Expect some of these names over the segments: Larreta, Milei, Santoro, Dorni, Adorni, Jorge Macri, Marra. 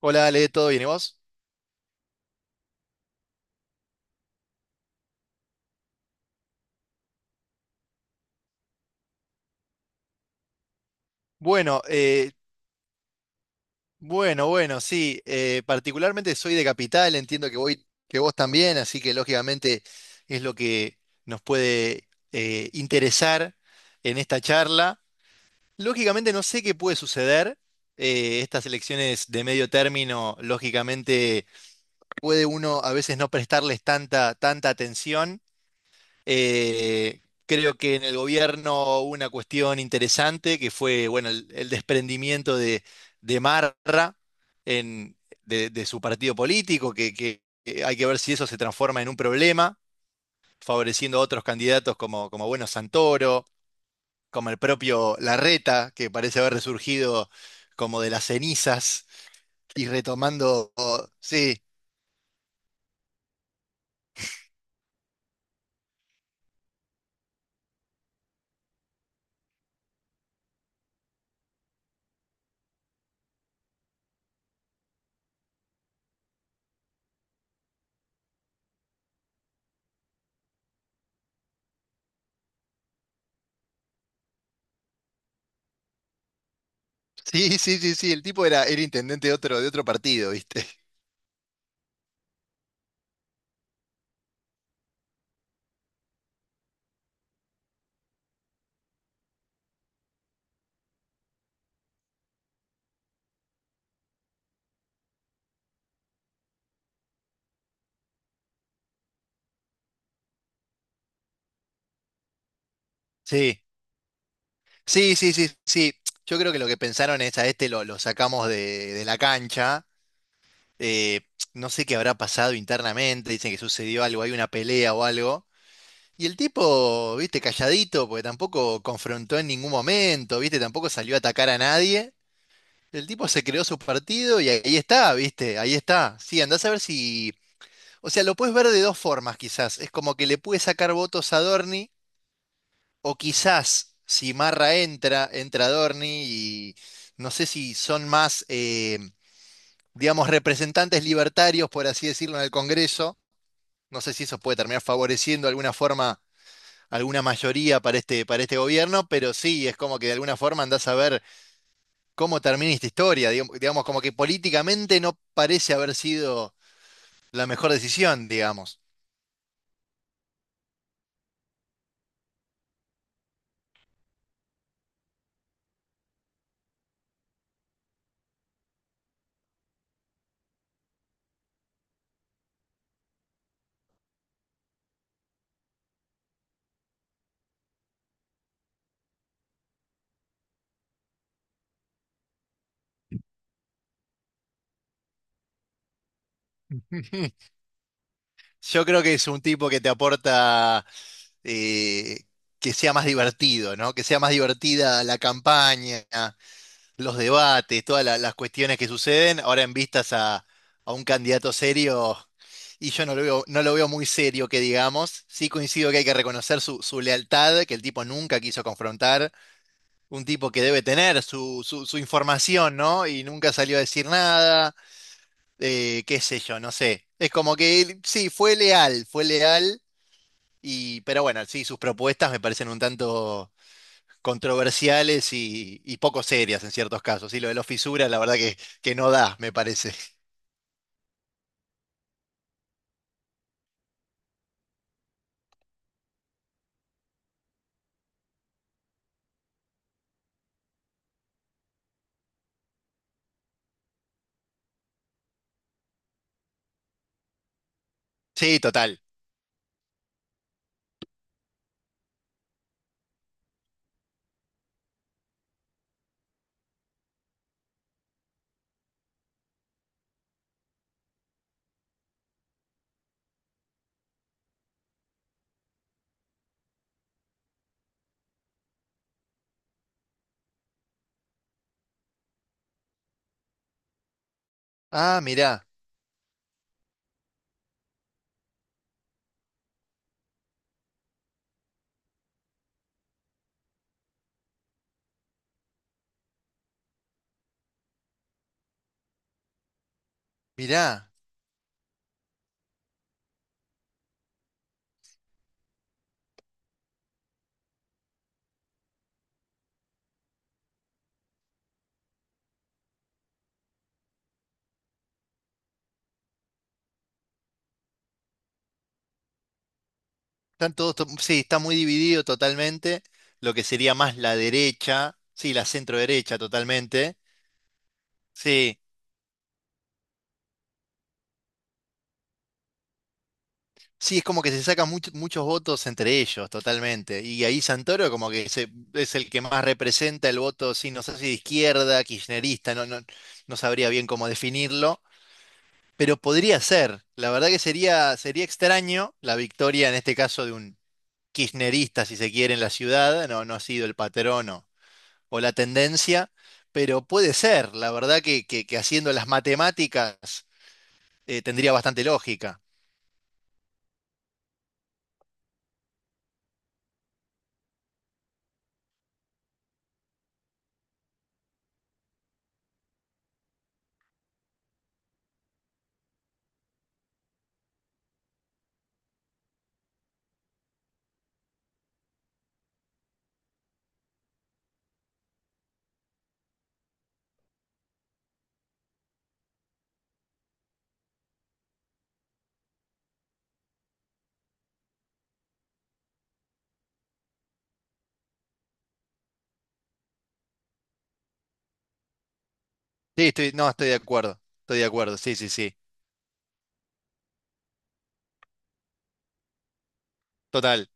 Hola, Ale, ¿todo bien? ¿Y vos? Bueno, eh, bueno, sí. Particularmente soy de Capital, entiendo que voy, que vos también, así que lógicamente es lo que nos puede interesar en esta charla. Lógicamente no sé qué puede suceder. Estas elecciones de medio término, lógicamente puede uno a veces no prestarles tanta atención. Eh, Creo que en el gobierno hubo una cuestión interesante que fue, bueno, el desprendimiento de Marra en- de su partido político, que hay que ver si eso se transforma en un problema, favoreciendo a otros candidatos como, como bueno, Santoro, como el propio Larreta, que parece haber resurgido como de las cenizas y retomando, sí, sí, sí, el tipo era intendente de otro partido, ¿viste? Sí. Sí, sí, sí, sí. Yo creo que lo que pensaron es a este lo sacamos de la cancha. eh, no sé qué habrá pasado internamente. Dicen que sucedió algo, hay una pelea o algo. Y el tipo, viste, calladito, porque tampoco confrontó en ningún momento, viste, tampoco salió a atacar a nadie. El tipo se creó su partido y ahí está, viste, ahí está. Sí, andás a ver si. O sea, lo puedes ver de dos formas, quizás. Es como que le pude sacar votos a Dorni. O quizás si Marra entra, entra Adorni y no sé si son más, digamos, representantes libertarios, por así decirlo, en el Congreso. No sé si eso puede terminar favoreciendo de alguna forma alguna mayoría para este gobierno, pero sí, es como que de alguna forma andás a ver cómo termina esta historia. Digamos, digamos, como que políticamente no parece haber sido la mejor decisión, digamos. Yo creo que es un tipo que te aporta eh, que sea más divertido, ¿no? Que sea más divertida la campaña, los debates, todas las cuestiones que suceden. Ahora en vistas a un candidato serio, y yo no lo veo, no lo veo muy serio, que digamos. Sí coincido que hay que reconocer su, su lealtad, que el tipo nunca quiso confrontar. Un tipo que debe tener su información, ¿no? Y nunca salió a decir nada. Qué sé yo, no sé. Es como que él, sí, fue leal y, pero bueno, sí, sus propuestas me parecen un tanto controversiales y poco serias en ciertos casos. Y lo de los fisuras, la verdad que no da, me parece. Sí, total. Ah, mirá, mirá. Están todos, sí, está muy dividido totalmente. Lo que sería más la derecha, sí, la centro derecha totalmente. Sí. Sí, es como que se sacan muchos votos entre ellos, totalmente. Y ahí Santoro como que es el que más representa el voto, sí, no sé si de izquierda, kirchnerista, no, no, no sabría bien cómo definirlo, pero podría ser. La verdad que sería, sería extraño la victoria en este caso de un kirchnerista, si se quiere, en la ciudad, no, no ha sido el patrón o la tendencia, pero puede ser. La verdad que, que haciendo las matemáticas tendría bastante lógica. Sí, estoy, no, estoy de acuerdo. Estoy de acuerdo, sí, sí, sí. Total,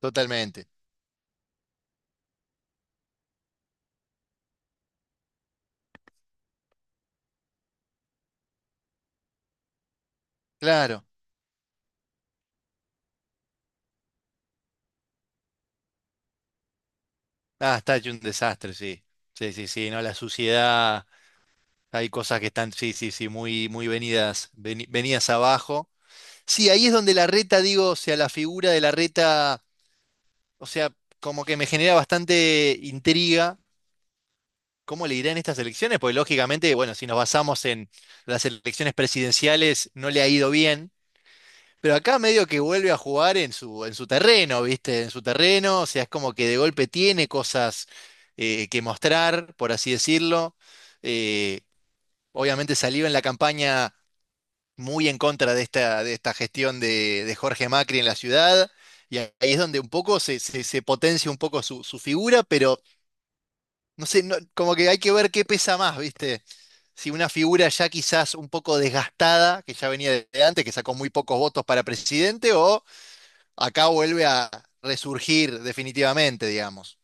totalmente. Claro. Ah, está hecho un desastre, sí. Sí, sí, sí, ¿no? La suciedad, hay cosas que están, sí, sí, sí, muy, muy venidas, venidas abajo. Sí, ahí es donde la reta, digo, o sea, la figura de la reta, o sea, como que me genera bastante intriga. ¿Cómo le irá en estas elecciones? Porque lógicamente, bueno, si nos basamos en las elecciones presidenciales, no le ha ido bien. Pero acá medio que vuelve a jugar en su terreno, ¿viste? En su terreno, o sea, es como que de golpe tiene cosas que mostrar, por así decirlo. Eh, Obviamente salió en la campaña muy en contra de esta gestión de Jorge Macri en la ciudad, y ahí es donde un poco se, se potencia un poco su, su figura, pero no sé, no- como que hay que ver qué pesa más, ¿viste? Si una figura ya quizás un poco desgastada, que ya venía de antes, que sacó muy pocos votos para presidente, o acá vuelve a resurgir definitivamente, digamos.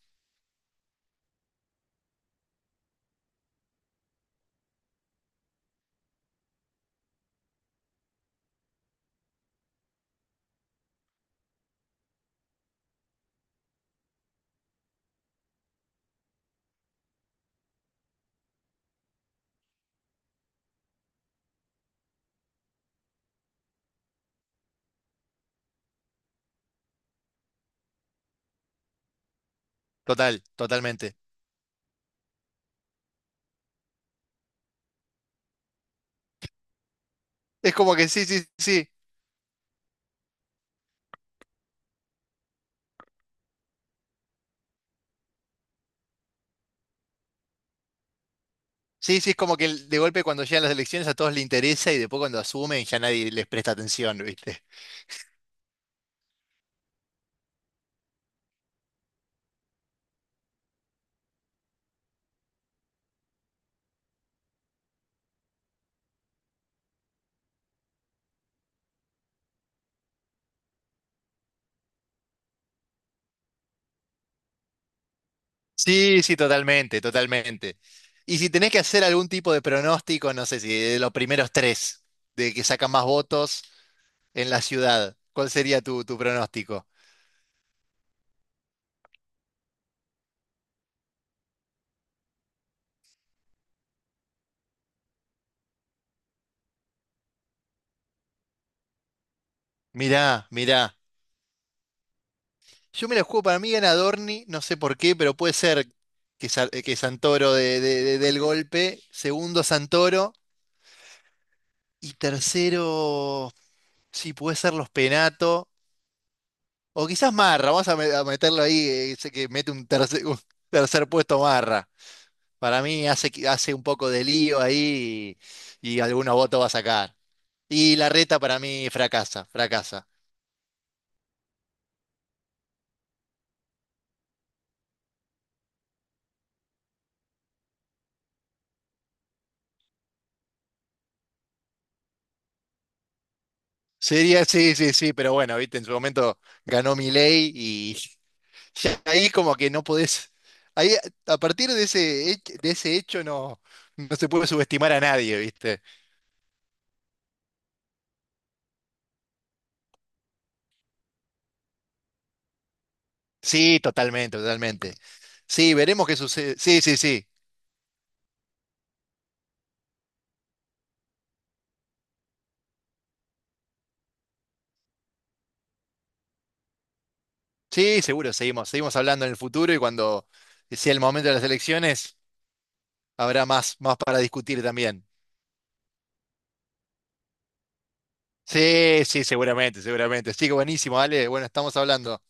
Total, totalmente. Es como que sí, sí, sí. Sí, sí, es como que de golpe cuando llegan las elecciones a todos les interesa y después cuando asumen ya nadie les presta atención, ¿viste? Sí, sí, totalmente, totalmente. Y si tenés que hacer algún tipo de pronóstico, no sé si de los primeros tres, de que sacan más votos en la ciudad, ¿cuál sería tu, tu pronóstico? Mirá, mirá. Yo me la juego, para mí gana Dorni, no sé por qué, pero puede ser que, que Santoro de, del golpe, segundo Santoro, y tercero, sí, puede ser los Penato, o quizás Marra, vamos a, a meterlo ahí, sé que mete un tercer puesto Marra. Para mí hace, hace un poco de lío ahí y algunos votos va a sacar. Y la reta para mí fracasa, fracasa. Sería, sí, sí, sí, pero bueno, viste, en su momento ganó Milei y ya ahí como que no podés, ahí a partir de ese, de ese hecho no, no se puede subestimar a nadie, ¿viste? Sí, totalmente, totalmente. Sí, veremos qué sucede. Sí, sí, sí. Sí, seguro, seguimos, seguimos hablando en el futuro y cuando sea el momento de las elecciones habrá más, más para discutir también. Sí, sí, seguramente, seguramente. Sí, buenísimo, Ale. Bueno, estamos hablando.